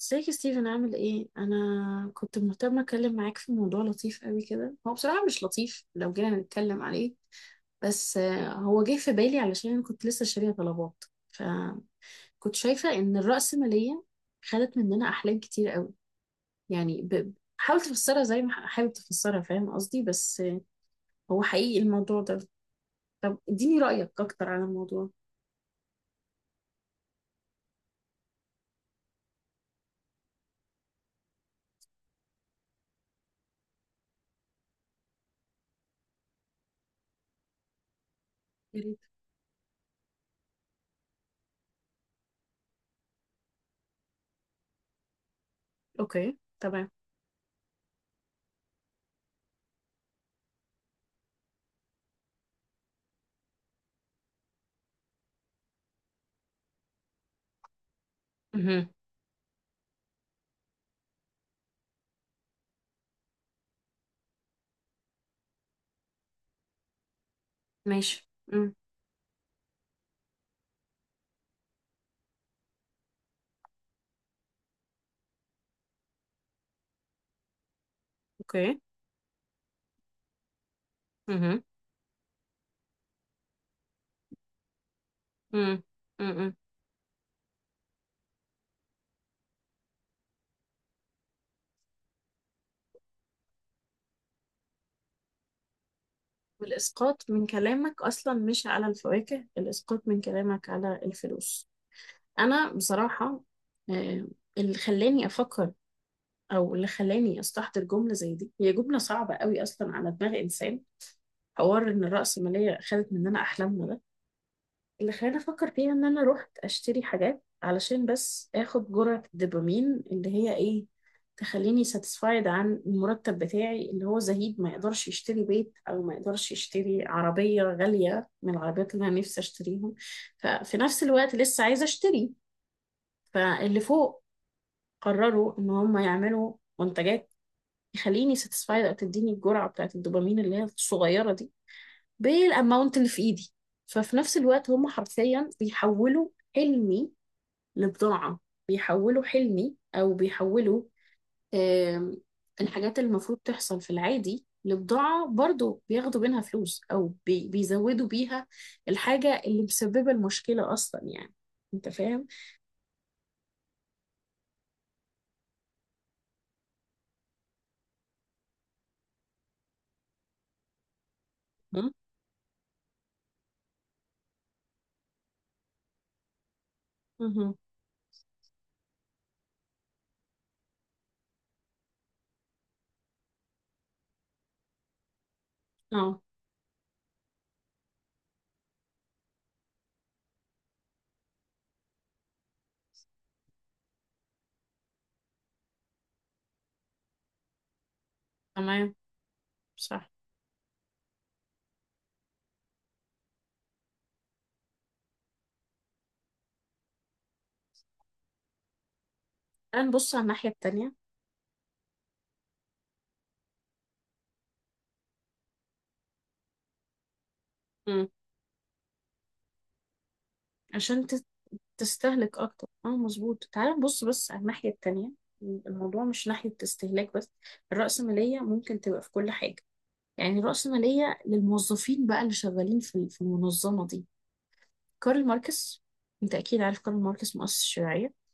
ازيك يا ستيفن؟ عامل ايه؟ انا كنت مهتمه اتكلم معاك في موضوع لطيف قوي كده. هو بصراحه مش لطيف لو جينا نتكلم عليه. بس هو جه في بالي علشان انا كنت لسه شاريه طلبات. فكنت شايفه ان الرأسماليه خدت مننا احلام كتير قوي. يعني، حاول تفسرها زي ما حابب تفسرها، فاهم قصدي؟ بس هو حقيقي الموضوع ده. طب اديني رأيك اكتر على الموضوع. يا ريت. اوكي، تمام. مهم. ماشي. مم. اوكي. مهم. مم. مم. والإسقاط من كلامك أصلا مش على الفواكه، الإسقاط من كلامك على الفلوس. أنا بصراحة، آه، اللي خلاني أفكر، أو اللي خلاني أستحضر جملة زي دي، هي جملة صعبة قوي أصلا على دماغ إنسان. حوار إن الرأسمالية خدت مننا أحلامنا ده اللي خلاني افكر فيها، ان انا رحت اشتري حاجات علشان بس اخد جرعة الدوبامين اللي هي ايه، تخليني ساتسفايد عن المرتب بتاعي، اللي هو زهيد ما يقدرش يشتري بيت، او ما يقدرش يشتري عربية غالية من العربيات اللي انا نفسي اشتريهم. ففي نفس الوقت لسه عايزة اشتري. فاللي فوق قرروا ان هم يعملوا منتجات يخليني ساتسفايد، او تديني الجرعة بتاعت الدوبامين اللي هي الصغيرة دي، بالاماونت اللي في ايدي. ففي نفس الوقت هم حرفيا بيحولوا حلمي لبضاعة. بيحولوا حلمي، او بيحولوا آم، الحاجات اللي المفروض تحصل في العادي لبضاعة، برضو بياخدوا منها فلوس او بيزودوا بيها الحاجة اللي مسببة المشكلة اصلا، يعني. انت فاهم؟ مم؟ مهم. اه. تمام. صح. الان بص على الناحية التانية. مم. عشان تستهلك اكتر. اه مظبوط، تعال نبص بس على الناحية التانية. الموضوع مش ناحية استهلاك بس. الرأسمالية ممكن تبقى في كل حاجة. يعني الرأسمالية للموظفين بقى، اللي شغالين في المنظمة دي. كارل ماركس. انت اكيد عارف كارل ماركس، مؤسس الشيوعية.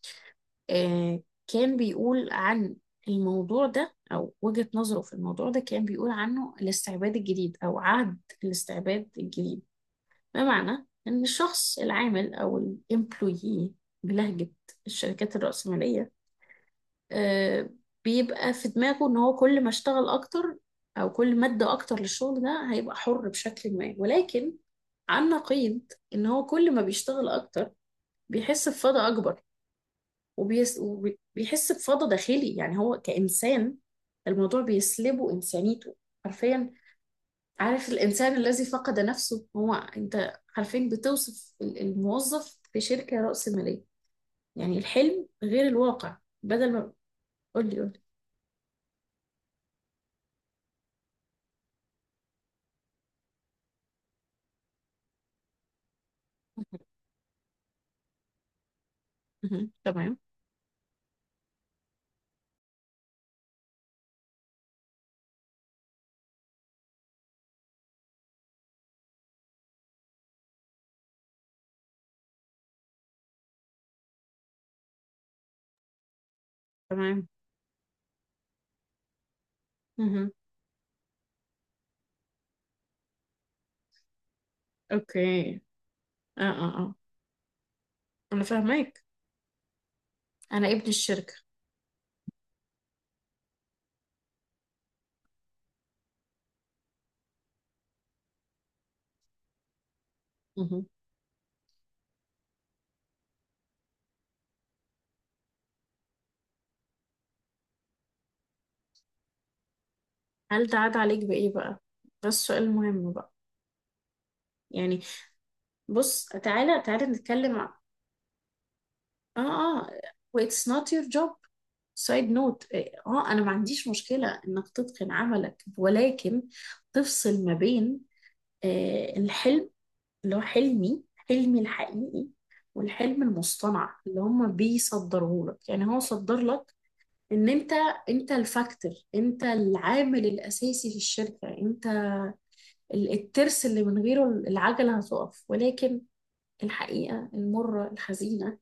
آه كان بيقول عن الموضوع ده، او وجهة نظره في الموضوع ده كان بيقول عنه الاستعباد الجديد، او عهد الاستعباد الجديد. بمعنى إن الشخص العامل أو الإمبلويي بلهجة الشركات الرأسمالية، آه، بيبقى في دماغه إن هو كل ما اشتغل أكتر، أو كل ما ادى أكتر للشغل ده، هيبقى حر بشكل ما. ولكن عن نقيض، إن هو كل ما بيشتغل أكتر بيحس بفضا أكبر. وبيحس بفضا داخلي، يعني هو كإنسان. الموضوع بيسلبه إنسانيته، حرفيا. عارف الإنسان الذي فقد نفسه؟ هو أنت. عارفين بتوصف الموظف في شركة رأسمالية، يعني الحلم غير الواقع. بدل ما قول لي، قول لي. مهم. مهم. تمام. تمام. مهم. أوكي. آه، آه، آه. أنا فاهماك. أنا ابن الشركة. مهم. هل ده عاد عليك بإيه بقى؟ ده السؤال المهم بقى. يعني، بص تعالى تعالى نتكلم. اه، اه. واتس نوت يور جوب. سايد نوت. اه انا ما عنديش مشكله انك تتقن عملك، ولكن تفصل ما بين الحلم، اللي هو حلمي حلمي الحقيقي، والحلم المصطنع اللي هم بيصدروه لك، يعني هو صدر لك ان انت الفاكتور، انت العامل الاساسي في الشركه، انت الترس اللي من غيره العجله هتقف. ولكن الحقيقه المره الحزينه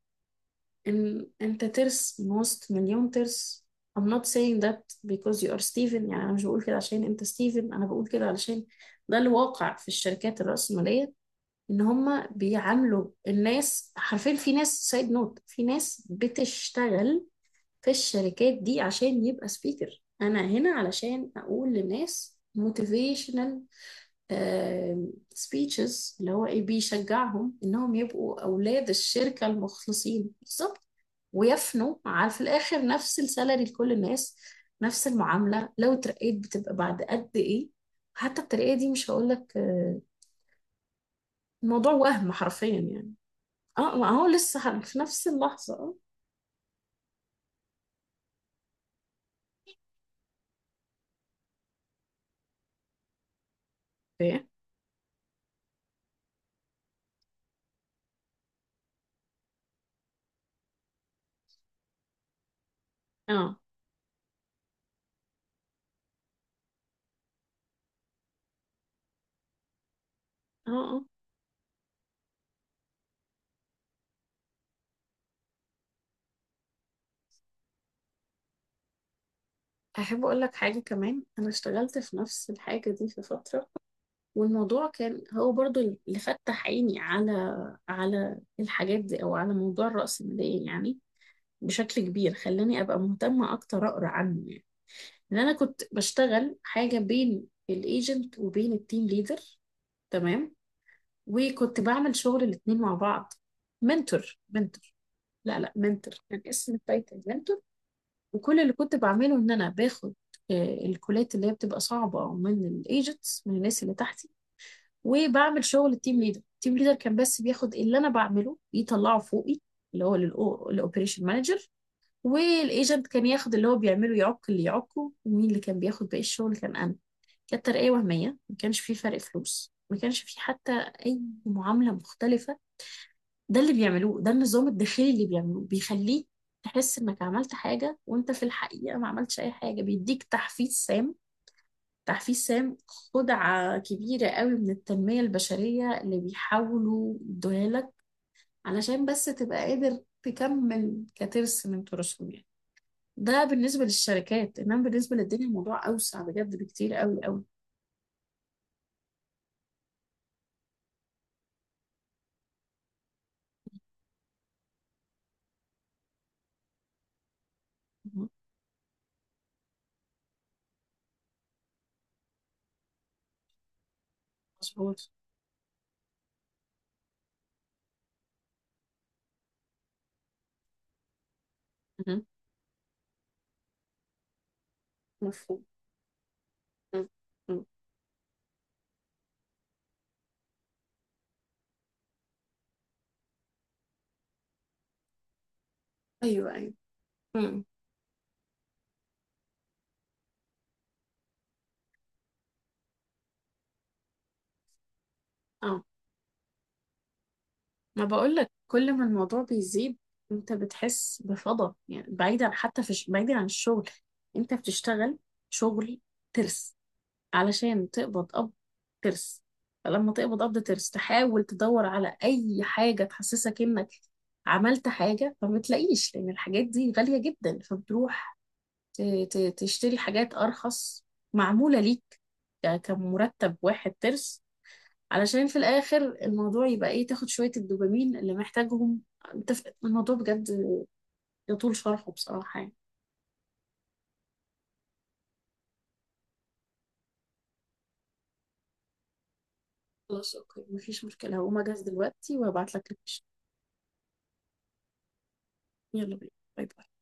ان انت ترس ماست مليون ترس. I'm not saying that because you are Steven. يعني انا مش بقول كده عشان انت ستيفن، انا بقول كده علشان ده الواقع في الشركات الرأسمالية، ان هم بيعاملوا الناس حرفيا. في ناس، سايد نوت، في ناس بتشتغل في الشركات دي عشان يبقى سبيكر. انا هنا علشان اقول للناس موتيفيشنال سبيتشز اللي هو ايه، بيشجعهم انهم يبقوا اولاد الشركة المخلصين. بالظبط. ويفنوا على. في الاخر نفس السالري لكل الناس، نفس المعامله. لو اترقيت بتبقى بعد قد ايه، حتى الترقيه دي مش هقول لك. الموضوع وهم حرفيا، يعني. اه، ما هو لسه في نفس اللحظه. اه. إيه؟ اه، اه، اه. احب اقول لك حاجه كمان، انا اشتغلت في نفس الحاجه دي في فتره، والموضوع كان هو برضو اللي فتح عيني على الحاجات دي، او على موضوع الرأسمالية، يعني بشكل كبير خلاني ابقى مهتمة اكتر اقرا عنه، يعني. ان انا كنت بشتغل حاجه بين الايجنت وبين التيم ليدر. تمام. وكنت بعمل شغل الاتنين مع بعض. منتور، منتور. لا، لا. منتور كان اسم التايتل، منتور. وكل اللي كنت بعمله ان انا باخد الكولات اللي هي بتبقى صعبه، من الايجنتس، من الناس اللي تحتي. وبعمل شغل التيم ليدر. التيم ليدر كان بس بياخد اللي انا بعمله يطلعه فوقي، اللي هو للاوبريشن مانجر. والايجنت كان ياخد اللي هو بيعمله، يعق اللي يعقه. ومين اللي كان بياخد باقي الشغل؟ كان انا. كانت ترقية وهمية، ما كانش في فرق فلوس، ما كانش في حتى أي معاملة مختلفة. ده اللي بيعملوه، ده النظام الداخلي اللي بيعملوه، بيخليك تحس إنك عملت حاجة وإنت في الحقيقة ما عملتش أي حاجة. بيديك تحفيز سام. تحفيز سام، خدعة كبيرة قوي من التنمية البشرية اللي بيحاولوا يدوها لك علشان بس تبقى قادر تكمل كترس من تراثهم، يعني. ده بالنسبة للشركات، إنما بالنسبة للدنيا الموضوع أوسع بجد بكتير قوي قوي. مهم. مظبوط. مهم. مفهوم. مم. مم. ايوه، ايوه. امم. اه، ما بقولك، كل ما الموضوع بيزيد انت بتحس بفضا، يعني بعيدا، حتى في بعيدا عن الشغل. انت بتشتغل شغل ترس، علشان تقبض قبض ترس. فلما تقبض قبض ترس، تحاول تدور على اي حاجة تحسسك انك عملت حاجة، فما بتلاقيش لان الحاجات دي غالية جدا، فبتروح تشتري حاجات ارخص معمولة ليك، كمرتب واحد ترس، علشان في الاخر الموضوع يبقى ايه، تاخد شوية الدوبامين اللي محتاجهم. انت، الموضوع بجد يطول شرحه بصراحة، يعني. خلاص اوكي، مفيش مشكلة، هقوم اجهز دلوقتي وهبعت لك لوكيشن. يلا بينا. باي باي.